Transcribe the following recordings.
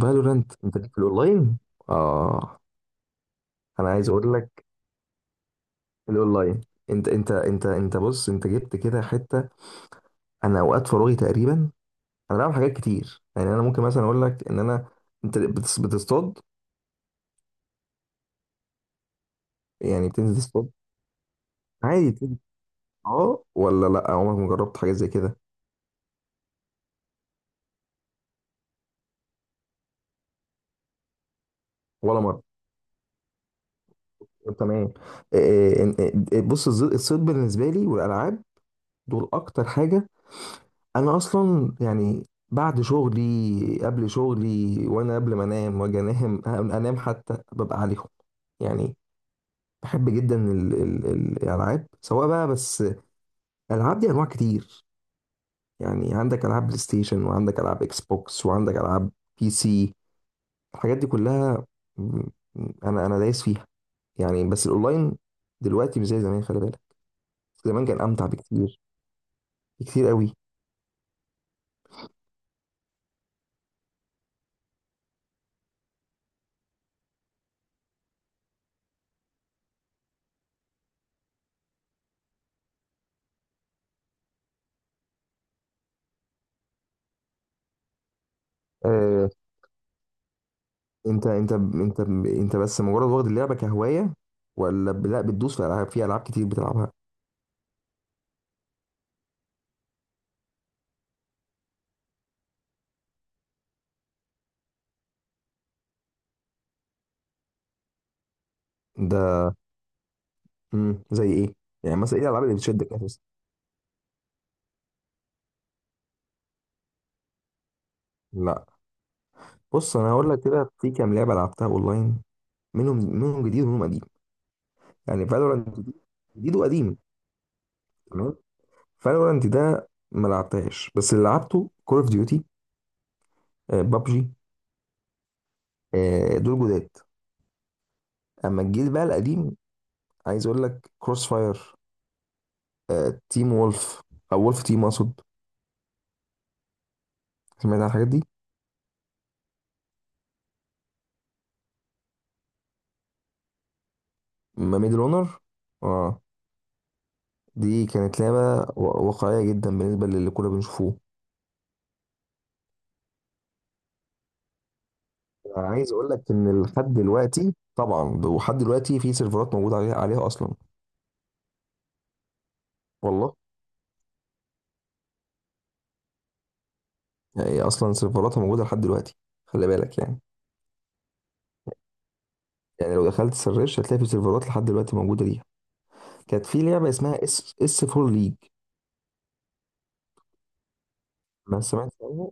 فالورانت انت ليك في الاونلاين. اه. انا عايز اقول لك الاونلاين. انت بص، انت جبت كده حته. انا اوقات فراغي تقريبا انا بعمل حاجات كتير. يعني انا ممكن مثلا اقول لك ان انا، انت بتصطاد؟ يعني بتنزل تصطاد عادي؟ بتنزل اه ولا لا، عمرك ما جربت حاجه زي كده؟ ولا مره؟ طب تمام. إيه- بص، الصيد بالنسبه لي والالعاب دول اكتر حاجه. انا اصلا يعني بعد شغلي، قبل شغلي، وانا قبل ما انام واجي انام انام حتى ببقى عليهم. يعني بحب جدا الالعاب، سواء بقى. بس الالعاب دي انواع كتير. يعني عندك العاب بلاي ستيشن، وعندك العاب اكس بوكس، وعندك العاب بي سي، الحاجات دي كلها. م- انا دايس فيها يعني. بس الاونلاين دلوقتي مش زي زمان، خلي بالك. زمان كان امتع بكتير، بكتير قوي. انت انت انت انت بس مجرد واخد اللعبه كهوايه، ولا لا بتدوس في العاب، في العاب كتير بتلعبها؟ ده. زي ايه؟ يعني مثلا ايه الالعاب اللي بتشدك اساسا؟ لا، بص انا هقول لك كده، في كام لعبه لعبتها اونلاين، منهم منهم جديد ومنهم قديم. يعني فالورانت جديد، جديد وقديم. تمام. فالورانت ده ما لعبتهاش، بس اللي لعبته كول اوف ديوتي، بابجي، دول جداد. اما الجيل بقى القديم، عايز اقول لك كروس فاير، تيم وولف، او وولف تيم اقصد. سمعت عن الحاجات دي؟ ما ميدل اونر، اه، دي كانت لعبه واقعيه جدا بالنسبه للي كنا بنشوفوه. عايز اقول لك ان لحد دلوقتي، طبعا ده لحد دلوقتي، في سيرفرات موجوده عليها اصلا. والله يعني اصلا سيرفراتها موجوده لحد دلوقتي، خلي بالك. يعني يعني لو دخلت سرش هتلاقي في سيرفرات لحد دلوقتي موجوده ليها. كانت في لعبه اسمها اس اس 4 ليج. ما سمعت عنها؟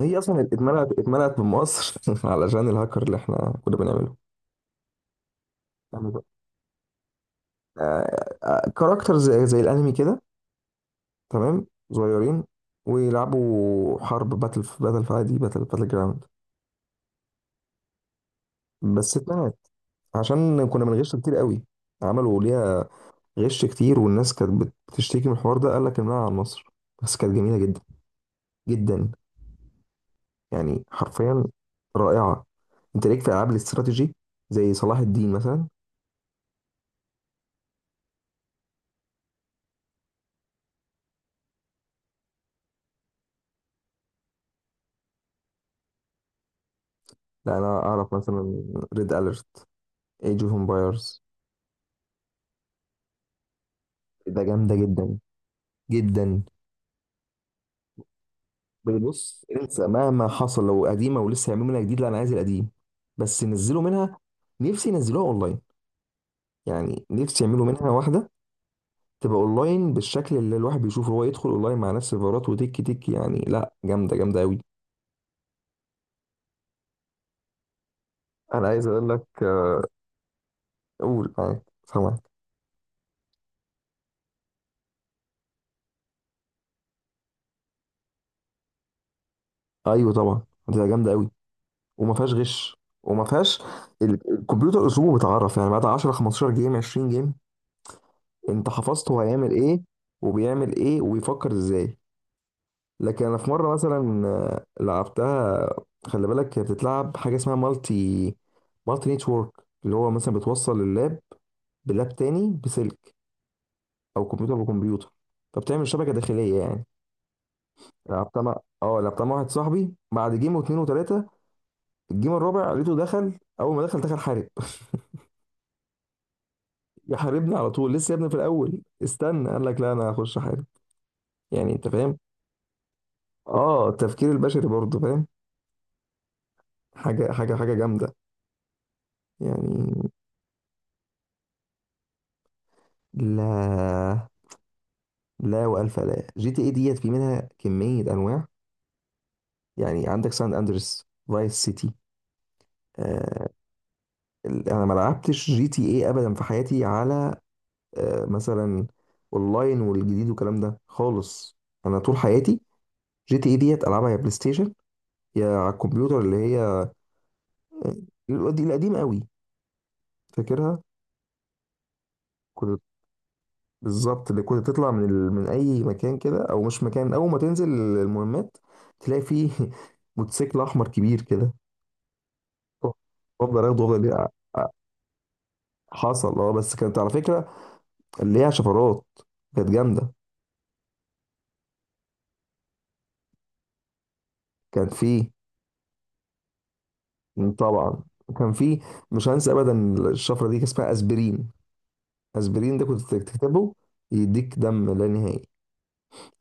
هي اصلا اتمنعت من مصر علشان الهاكر اللي احنا كنا بنعمله. يعني، كاركتر زي زي الانمي كده. تمام، صغيرين، ويلعبوا حرب باتل باتل، في عادي باتل باتل جراوند. بس اتمنعت عشان كنا بنغش كتير قوي. عملوا ليها غش كتير، والناس كانت بتشتكي من الحوار ده، قال لك امنعها عن مصر. بس كانت جميله جدا، جدا، يعني حرفيا رائعه. انت ليك في العاب الاستراتيجي زي صلاح الدين مثلا؟ لا، انا اعرف مثلا ريد اليرت، ايج اوف امبايرز. ده جامده جدا، جدا. بص انسى، مهما حصل لو قديمه ولسه هيعملوا منها جديد، لا انا عايز القديم بس نزلوا منها. نفسي ينزلوها اونلاين. يعني نفسي يعملوا منها واحده تبقى اونلاين بالشكل اللي الواحد بيشوفه، هو يدخل اونلاين مع نفس السيرفرات وتك تك. يعني لا جامده، جامده قوي. انا عايز اقول لك قول معاك، سامعك. ايوه طبعا، هتبقى جامده قوي، وما فيهاش غش، وما فيهاش. الكمبيوتر اسلوبه بيتعرف، يعني بعد 10 15 جيم 20 جيم انت حفظت هو هيعمل ايه، وبيعمل ايه، وبيفكر ازاي. لكن انا في مره مثلا لعبتها. خلي بالك، هي بتتلعب حاجه اسمها مالتي، مالتي نتورك، اللي هو مثلا بتوصل اللاب بلاب تاني بسلك، او كمبيوتر بكمبيوتر، فبتعمل شبكه داخليه يعني. لعبتها مع، اه لعبتها مع واحد صاحبي، بعد جيم واثنين وثلاثه، الجيم الرابع لقيته دخل، اول ما دخل دخل حارب. يحاربني على طول لسه، يا ابني في الاول استنى، قال لك لا انا هخش حارب. يعني انت فاهم؟ اه التفكير البشري برضه فاهم. حاجه حاجه حاجه جامده يعني. لا، لا والف لا جي تي اي ديت في منها كميه انواع. يعني عندك سان اندرس، فايس سيتي. آه، انا ما لعبتش جي تي اي ابدا في حياتي على، آه مثلا، اونلاين والجديد والكلام ده خالص. انا طول حياتي جي تي اي ديت العبها يا بلاي ستيشن، يا على الكمبيوتر، اللي هي القديم قوي. فاكرها؟ كنت، بالظبط اللي كنت تطلع من من اي مكان كده، او مش مكان، اول ما تنزل المهمات تلاقي فيه موتوسيكل احمر كبير كده. وافضل اخده وافضل أبيع. حصل، اه. بس كانت على فكره ليها شفرات، كانت جامده. كان في، طبعا كان في، مش هنسى ابدا، الشفره دي كان اسمها اسبرين. اسبرين ده كنت تكتبه يديك دم لا نهائي.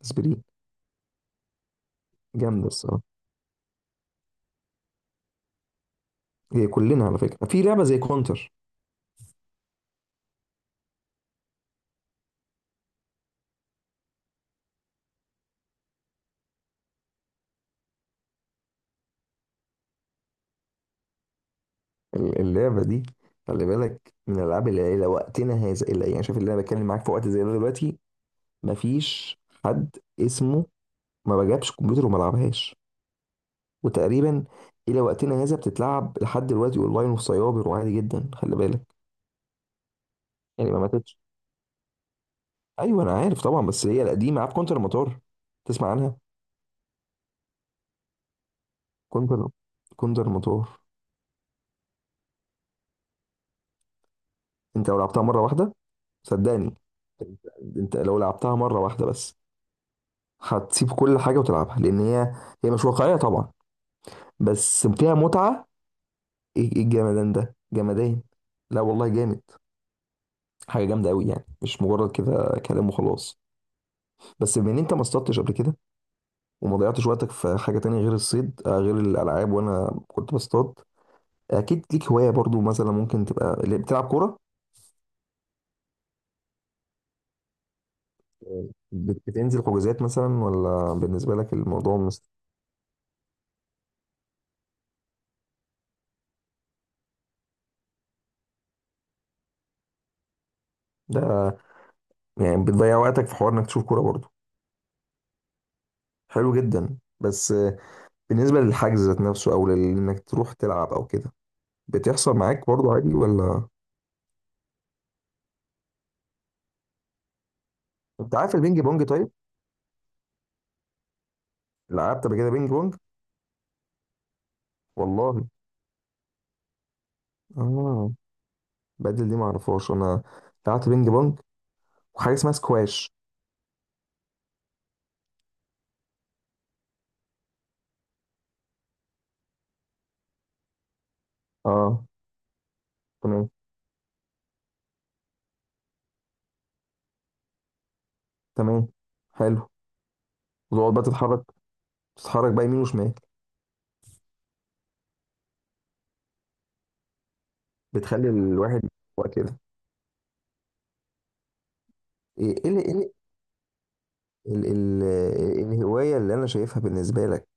اسبرين، جامده الصراحه. هي كلنا على فكره في لعبه زي كونتر. اللعبه دي خلي بالك من العاب العيله، وقتنا هذا، الا يعني، شايف اللي انا بتكلم معاك في وقت زي ده دلوقتي، مفيش حد اسمه ما بجابش كمبيوتر وما لعبهاش. وتقريبا الى وقتنا هذا بتتلعب لحد دلوقتي اونلاين وفي سايبر وعادي جدا، خلي بالك. يعني ما ماتتش. ايوه انا عارف طبعا، بس هي القديمه، عارف كونتر المطار؟ تسمع عنها؟ كونتر، كونتر المطار. انت لو لعبتها مره واحده صدقني، انت لو لعبتها مره واحده بس، هتسيب كل حاجه وتلعبها. لان هي، هي مش واقعيه طبعا، بس فيها متعه. ايه إيه الجمدان ده، جمدان. لا والله جامد. حاجه جامده قوي يعني، مش مجرد كده كلام وخلاص. بس بما ان انت ما اصطدتش قبل كده، وما ضيعتش وقتك في حاجة تانية غير الصيد، غير الألعاب وأنا كنت بصطاد، أكيد ليك هواية برضو. مثلا ممكن تبقى اللي بتلعب كورة، بتنزل حجوزات مثلا، ولا بالنسبة لك الموضوع ده، يعني بتضيع وقتك في حوار إنك تشوف كورة برضو. حلو جدا. بس بالنسبة للحجز ذات نفسه، أو إنك تروح تلعب أو كده، بتحصل معاك برضو عادي ولا؟ أنت عارف البينج بونج طيب؟ لعبت قبل كده بينج بونج؟ والله آه. بدل دي معرفهاش أنا، لعبت بينج بونج وحاجة اسمها سكواش. اه كنا. تمام، حلو. وتقعد بقى تتحرك، تتحرك بقى يمين وشمال، بتخلي الواحد يبقى كده. ايه ايه إيه، ال- ال- ال- إيه الهوايه اللي انا شايفها بالنسبه لك،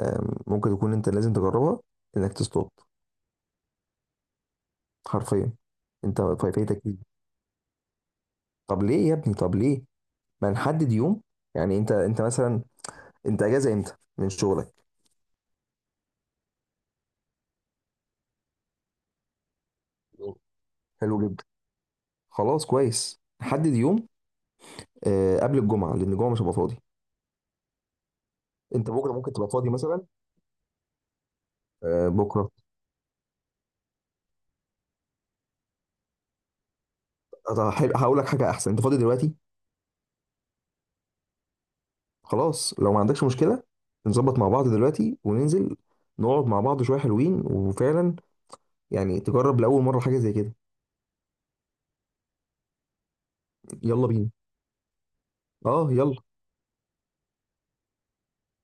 ممكن تكون انت لازم تجربها، انك تصطاد حرفيا. انت فايتك كتير. طب ليه يا ابني، طب ليه ما نحدد يوم؟ يعني انت، انت مثلا، انت اجازه امتى من شغلك؟ يوم. حلو جدا، خلاص كويس نحدد يوم. قبل الجمعه، لان الجمعه مش هبقى فاضي. انت بكره ممكن تبقى فاضي مثلا؟ بكره؟ طب حلو، هقول لك حاجة أحسن، أنت فاضي دلوقتي؟ خلاص لو ما عندكش مشكلة نظبط مع بعض دلوقتي وننزل، نقعد مع بعض شوية حلوين، وفعلا يعني تجرب لأول مرة حاجة زي كده. يلا بينا. أه يلا.